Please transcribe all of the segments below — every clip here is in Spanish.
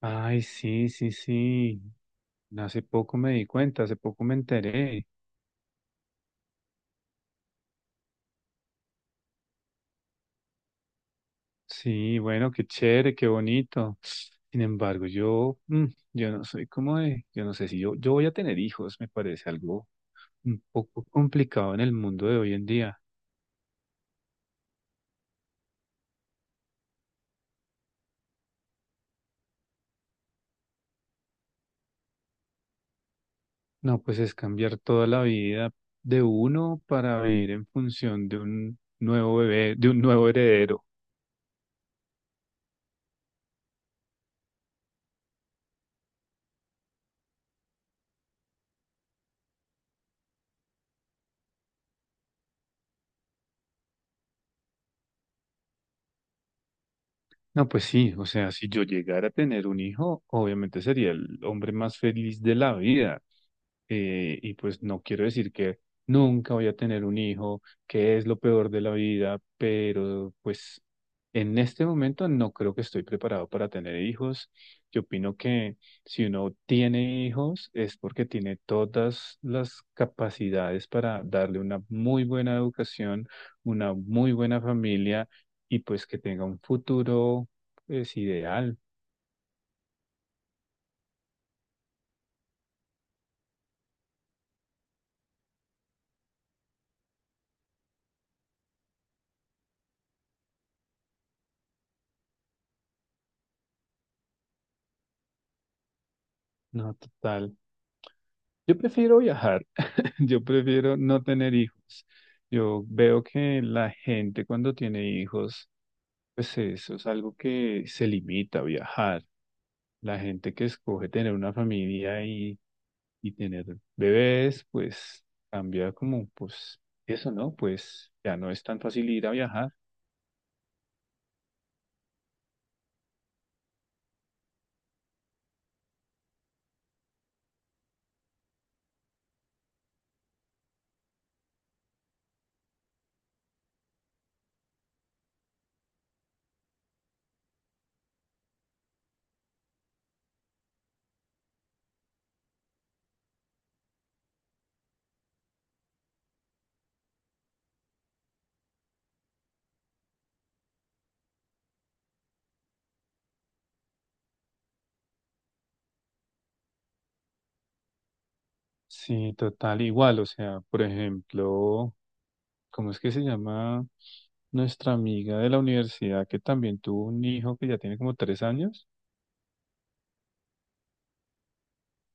Ay, sí, sí, sí. Hace poco me di cuenta, hace poco me enteré. Sí, bueno, qué chévere, qué bonito. Sin embargo, yo no soy como de, yo no sé si yo voy a tener hijos, me parece algo un poco complicado en el mundo de hoy en día. No, pues es cambiar toda la vida de uno para vivir en función de un nuevo bebé, de un nuevo heredero. No, pues sí, o sea, si yo llegara a tener un hijo, obviamente sería el hombre más feliz de la vida y pues no quiero decir que nunca voy a tener un hijo, que es lo peor de la vida, pero pues en este momento no creo que estoy preparado para tener hijos. Yo opino que si uno tiene hijos es porque tiene todas las capacidades para darle una muy buena educación, una muy buena familia y pues que tenga un futuro es ideal. No, total. Yo prefiero viajar. Yo prefiero no tener hijos. Yo veo que la gente cuando tiene hijos, pues eso es algo que se limita a viajar. La gente que escoge tener una familia y tener bebés, pues cambia como, pues eso, ¿no? Pues ya no es tan fácil ir a viajar. Sí, total, igual. O sea, por ejemplo, ¿cómo es que se llama nuestra amiga de la universidad que también tuvo un hijo que ya tiene como 3 años?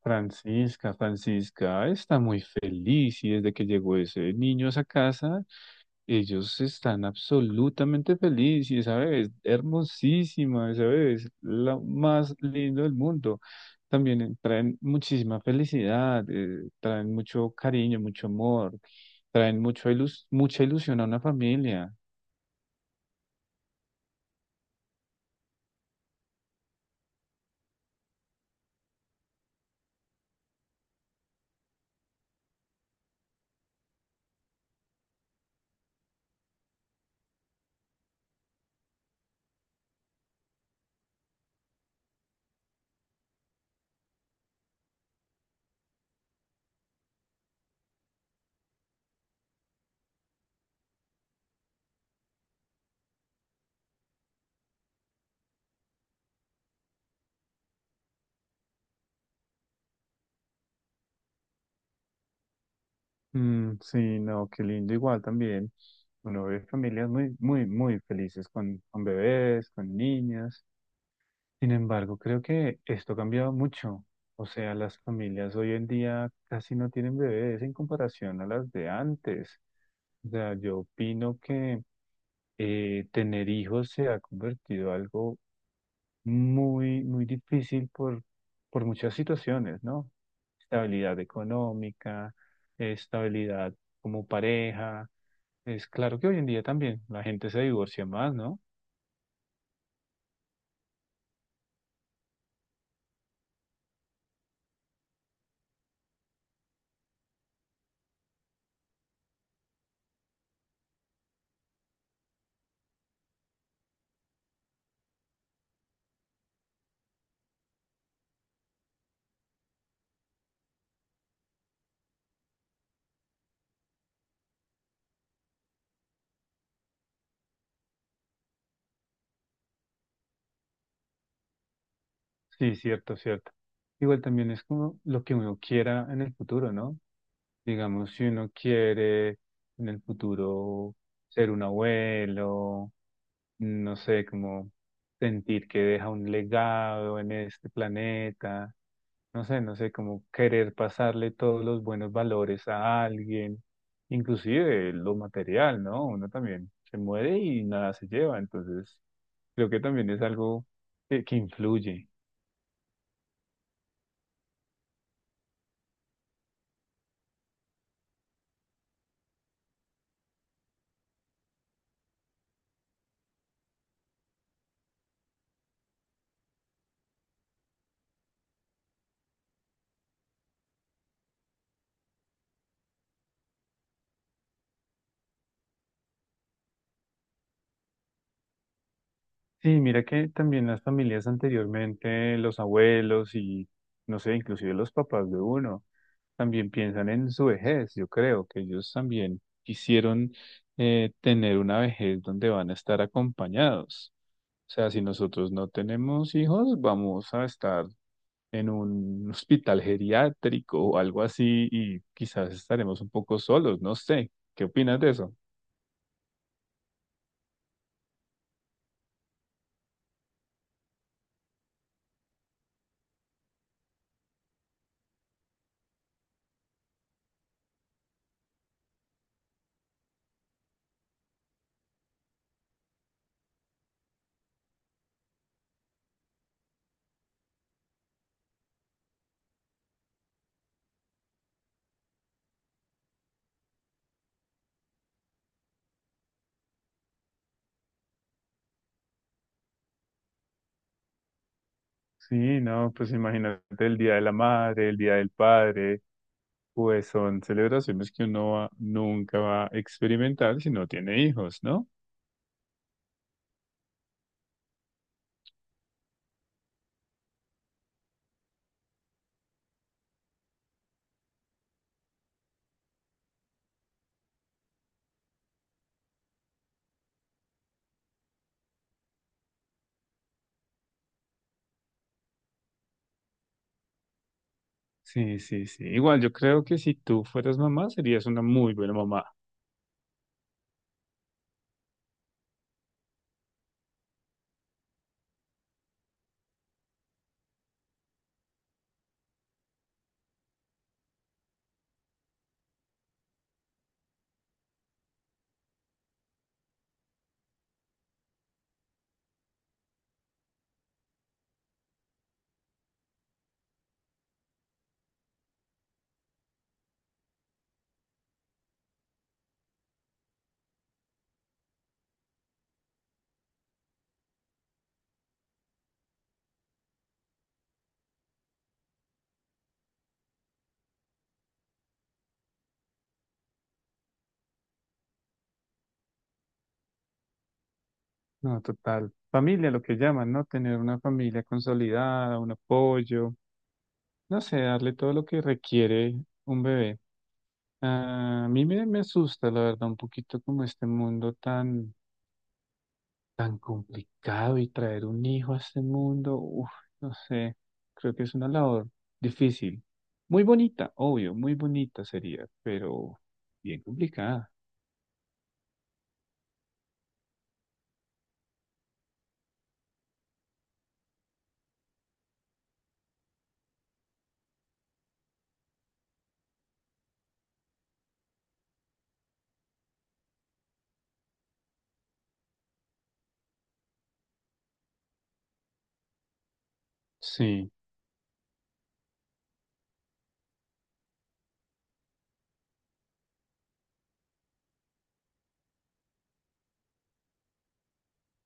Francisca está muy feliz, y desde que llegó ese niño a esa casa, ellos están absolutamente felices y esa bebé es hermosísima, esa bebé es la más linda del mundo. También traen muchísima felicidad, traen mucho cariño, mucho amor, traen mucho mucha ilusión a una familia. Mm, sí, no, qué lindo igual también. Uno ve familias muy, muy, muy felices con, bebés, con niñas. Sin embargo, creo que esto ha cambiado mucho. O sea, las familias hoy en día casi no tienen bebés en comparación a las de antes. O sea, yo opino que tener hijos se ha convertido en algo muy, muy difícil por muchas situaciones, ¿no? Estabilidad económica, estabilidad como pareja. Es claro que hoy en día también la gente se divorcia más, ¿no? Sí, cierto, cierto. Igual también es como lo que uno quiera en el futuro, ¿no? Digamos, si uno quiere en el futuro ser un abuelo, no sé, como sentir que deja un legado en este planeta, no sé, no sé, como querer pasarle todos los buenos valores a alguien, inclusive lo material, ¿no? Uno también se muere y nada se lleva, entonces creo que también es algo que influye. Sí, mira que también las familias anteriormente, los abuelos y, no sé, inclusive los papás de uno, también piensan en su vejez. Yo creo que ellos también quisieron tener una vejez donde van a estar acompañados. O sea, si nosotros no tenemos hijos, vamos a estar en un hospital geriátrico o algo así y quizás estaremos un poco solos, no sé. ¿Qué opinas de eso? Sí, no, pues imagínate el Día de la Madre, el Día del Padre. Pues son celebraciones que uno nunca va a experimentar si no tiene hijos, ¿no? Sí, sí, sí. Igual yo creo que si tú fueras mamá, serías una muy buena mamá. No, total. Familia, lo que llaman, ¿no? Tener una familia consolidada, un apoyo, no sé, darle todo lo que requiere un bebé. Ah, a mí me asusta, la verdad, un poquito como este mundo tan complicado y traer un hijo a este mundo, uf, no sé, creo que es una labor difícil. Muy bonita, obvio, muy bonita sería, pero bien complicada. Sí,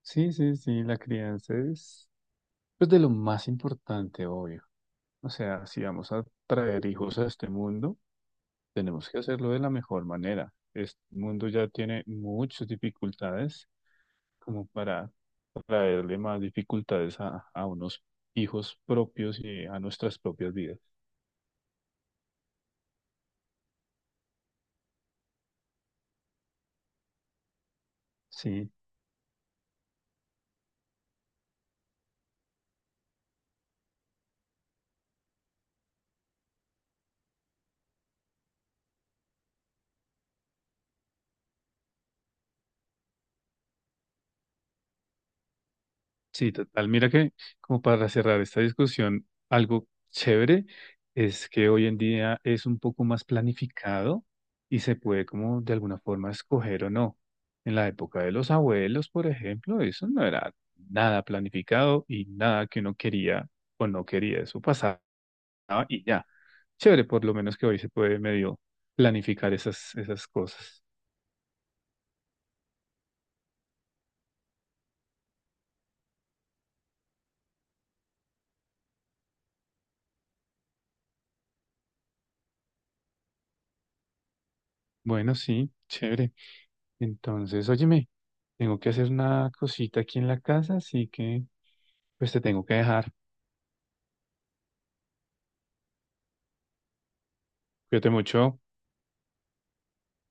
sí, sí, sí, la crianza es pues de lo más importante, obvio. O sea, si vamos a traer hijos a este mundo, tenemos que hacerlo de la mejor manera. Este mundo ya tiene muchas dificultades como para traerle más dificultades a unos hijos propios y a nuestras propias vidas. Sí, sí, total. Mira que como para cerrar esta discusión, algo chévere es que hoy en día es un poco más planificado y se puede como de alguna forma escoger o no. En la época de los abuelos, por ejemplo, eso no era nada planificado y nada que uno quería o no quería. Eso pasaba. Ah, y ya. Chévere, por lo menos que hoy se puede medio planificar esas cosas. Bueno, sí, chévere. Entonces, óyeme, tengo que hacer una cosita aquí en la casa, así que pues te tengo que dejar. Cuídate mucho.